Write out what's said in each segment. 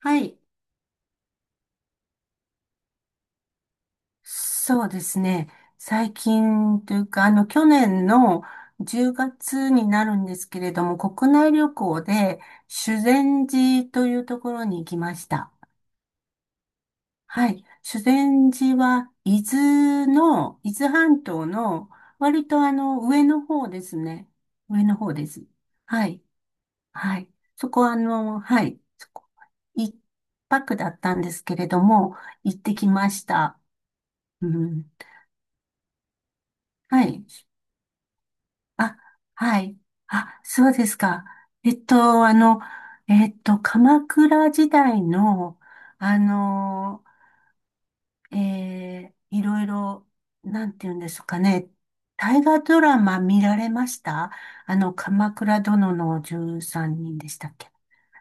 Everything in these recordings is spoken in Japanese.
はい。そうですね。最近というか、去年の10月になるんですけれども、国内旅行で修善寺というところに行きました。はい。修善寺は、伊豆半島の、割と上の方ですね。上の方です。はい。はい。そこはあの、はい。そこ、一泊だったんですけれども、行ってきました。うん。はい。あ、はい。あ、そうですか。えっと、あの、鎌倉時代の、あの、いろいろ、なんて言うんですかね。大河ドラマ見られました？鎌倉殿の13人でしたっけ？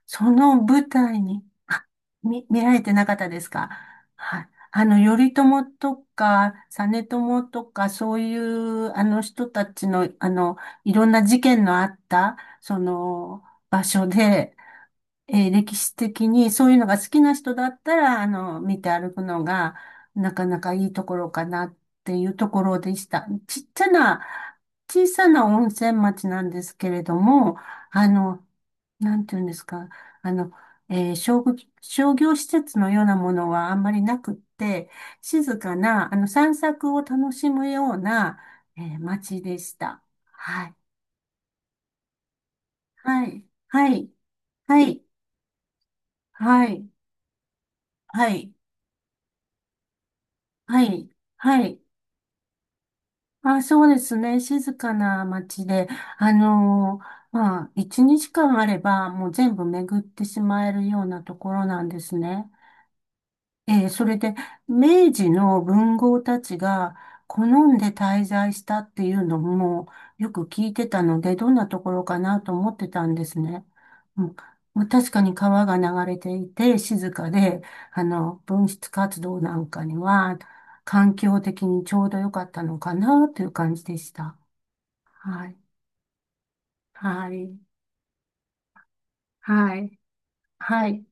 その舞台に、あ、見られてなかったですか？はい。頼朝とか、実朝とか、そういう、あの人たちの、いろんな事件のあった、その、場所で、歴史的にそういうのが好きな人だったら、見て歩くのが、なかなかいいところかなっていうところでした。ちっちゃな、小さな温泉町なんですけれども、あの、なんていうんですか、あの、えー商業、商業施設のようなものはあんまりなくって、静かな、散策を楽しむような、街でした。はい。はい。はい。はい。はい。はい。はい。はい。あ、そうですね。静かな街で、まあ、一日間あれば、もう全部巡ってしまえるようなところなんですね。それで、明治の文豪たちが好んで滞在したっていうのもよく聞いてたので、どんなところかなと思ってたんですね。うん、まあ確かに川が流れていて、静かで、文筆活動なんかには、環境的にちょうど良かったのかなという感じでした。はい。はい。はい。はい。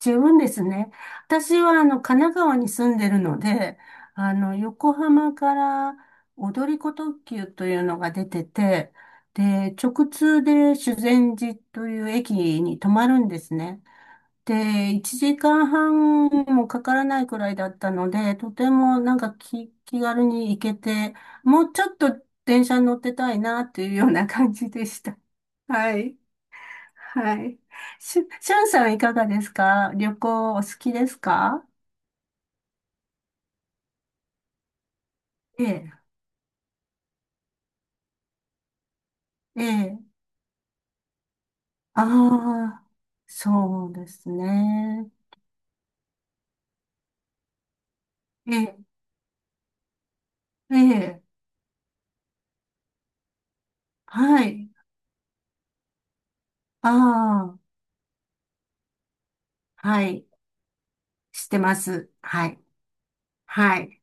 十分ですね。私は、神奈川に住んでるので、横浜から踊り子特急というのが出てて、で、直通で修善寺という駅に止まるんですね。で、1時間半もかからないくらいだったので、とてもなんか気軽に行けて、もうちょっと電車に乗ってたいなというような感じでした。はい。はい。しゅんさんはいかがですか？旅行お好きですか？ええ、ええ。ああ、そうですね。ええ、ええ、はい。ああ、はい。知ってます。はい。はい。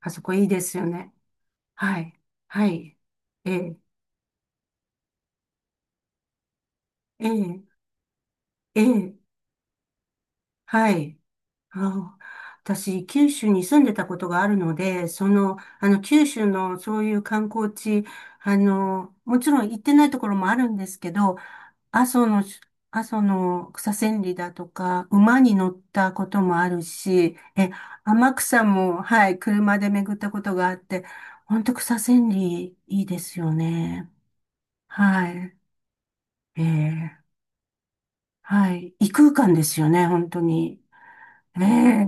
あそこいいですよね。はい。はい。ええ、ええ、ええ、はい。あ私、九州に住んでたことがあるので、九州のそういう観光地、もちろん行ってないところもあるんですけど、阿蘇の、阿蘇の草千里だとか、馬に乗ったこともあるし、天草も、はい、車で巡ったことがあって、本当草千里いいですよね。はい。ええ、はい。異空間ですよね、本当に。ええ、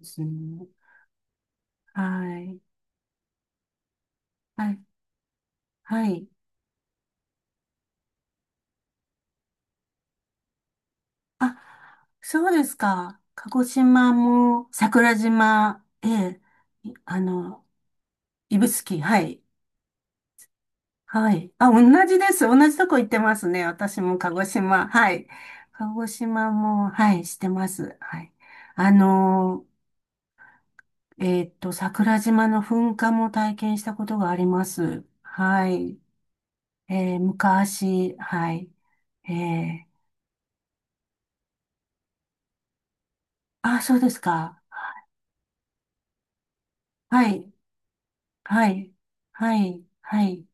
ですね。はい。はい、はい。あ、そうですか。鹿児島も桜島、ええ、いあの、指宿、はい。はい。あ、同じです。同じとこ行ってますね。私も鹿児島、はい。鹿児島も、はい、してます。はい。あの桜島の噴火も体験したことがあります。はい。昔、はい。えー、あ、そうですか。はい。はい。はい。はい。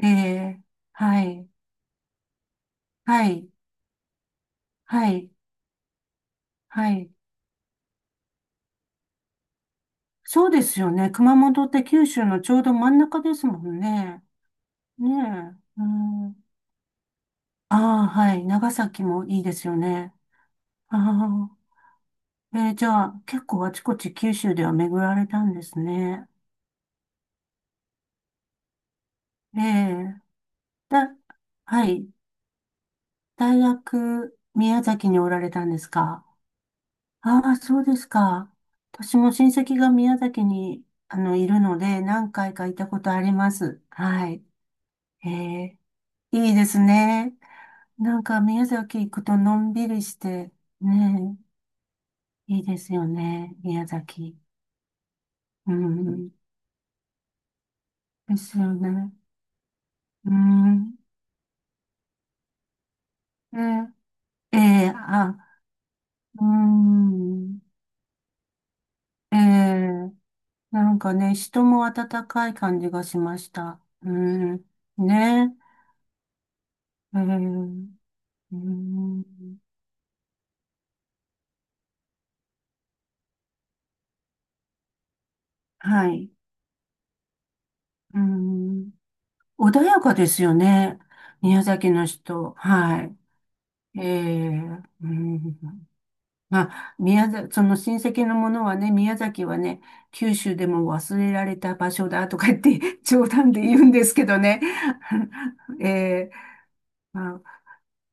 ええ、はい、はい、はい、はい。そうですよね。熊本って九州のちょうど真ん中ですもんね。ねえ。うん、ああ、はい。長崎もいいですよね。ああ、じゃあ、結構あちこち九州では巡られたんですね。ええ、だ、はい。大学、宮崎におられたんですか？ああ、そうですか。私も親戚が宮崎に、いるので、何回か行ったことあります。はい。ええ、いいですね。なんか宮崎行くとのんびりして、ねえ、いいですよね。宮崎。うん。ですよね。うん。ねええ、あ、うん。ええ、なんかね、人も温かい感じがしました。うん。ねえ。ええ、うーん、はい。うーん。穏やかですよね。宮崎の人。はい。ええ、うん。まあ、その親戚のものはね、宮崎はね、九州でも忘れられた場所だとか言って 冗談で言うんですけどね。ええ、まあ、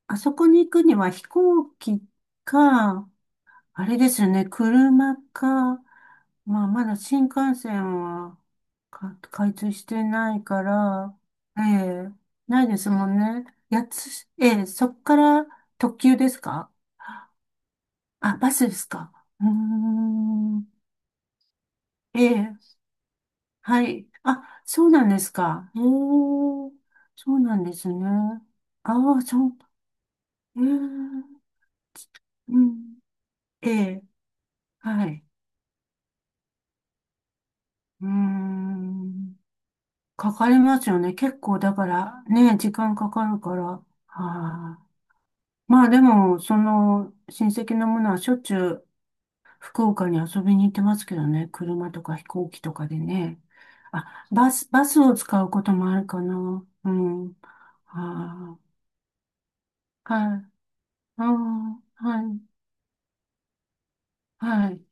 あそこに行くには飛行機か、あれですよね、車か、まあ、まだ新幹線か開通してないから、ええ、ないですもんね。ええ、そっから特急ですか？あ、バスですか？うーん、ええ、はい。あ、そうなんですか。ええ、そうなんですね。ああ、そう、ええ、うん、ええ、はい。うーん、かかりますよね。結構だからね、時間かかるから。ああ、まあでも、その親戚のものはしょっちゅう福岡に遊びに行ってますけどね。車とか飛行機とかでね。あ、バスを使うこともあるかな。うん。はあ、はい。ああ、はい。はい。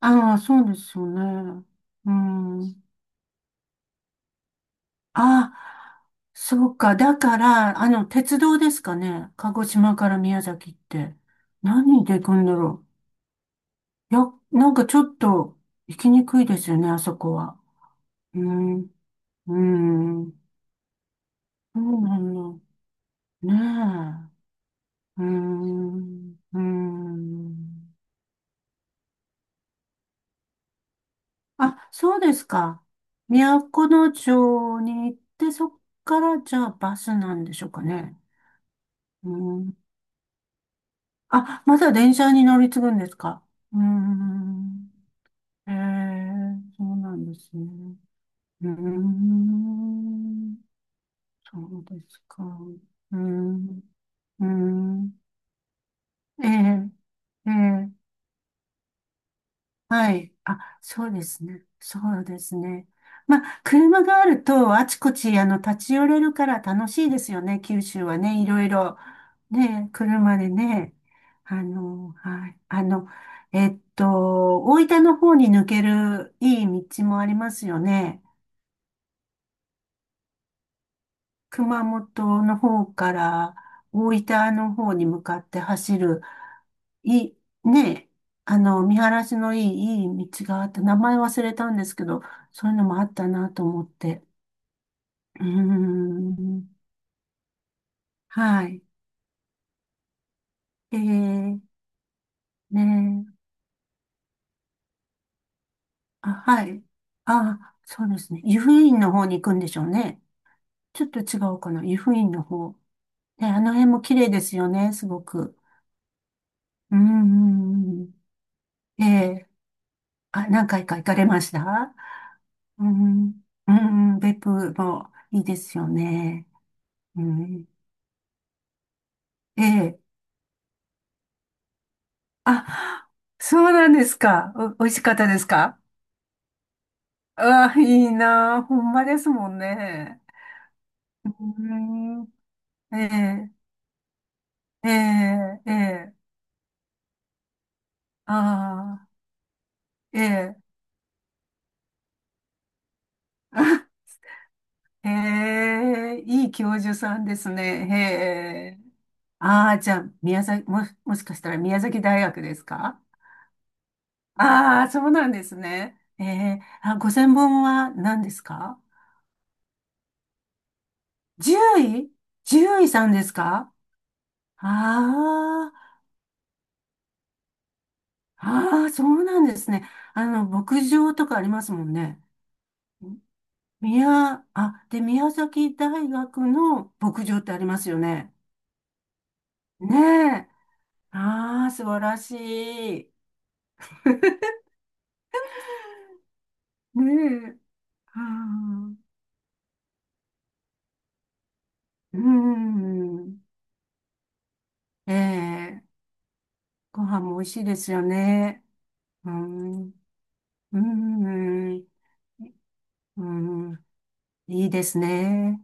ああ、そうですよね。うん。あ、そうか。だから、鉄道ですかね。鹿児島から宮崎って。何で行くんだろう。いや、なんかちょっと行きにくいですよね、あそこは。うん、うん、そうなんだ。ねえ。うん、うん。あ、そうですか。都城に行って、そっからじゃあバスなんでしょうかね。うん、あ、まだ電車に乗り継ぐんですか？うーん。ええ、そうなんですね。うーん。そうですか。うーん。うーん。ええ、ええ、はい。あ、そうですね。そうですね。まあ、車があると、あちこち、立ち寄れるから楽しいですよね、九州はね、いろいろ。ね、車でね、はい、大分の方に抜けるいい道もありますよね。熊本の方から大分の方に向かって走る、いい、ね、見晴らしのいい道があって、名前忘れたんですけど、そういうのもあったなと思って。うーん、はい。えー、ね、あ、はい。あ、そうですね。湯布院の方に行くんでしょうね。ちょっと違うかな。湯布院の方。ね、あの辺も綺麗ですよね、すごく。うん、うん、うん、ええ、あ、何回か行かれました？うん、うん、うん、別府もいいですよね。うん、ええ、あ、そうなんですか。お、美味しかったですか？あ、いいなあ。ほんまですもんね。うん、ええ、ええ、ええ、ああ。ええ。あ、へえ、いい教授さんですね。へえ。ああ、じゃあ、宮崎、も、もしかしたら宮崎大学ですか？ああー、そうなんですね。ええ、あ、ご専門は何ですか？獣医？獣医さんですか？ああ、ああ、そうなんですね。牧場とかありますもんね。あ、で、宮崎大学の牧場ってありますよね。ねえ。ああ、素晴らしい。ねえ。ああ、うん。ええ。ご飯も美味しいですよね。うん。うん。うん。いいですね。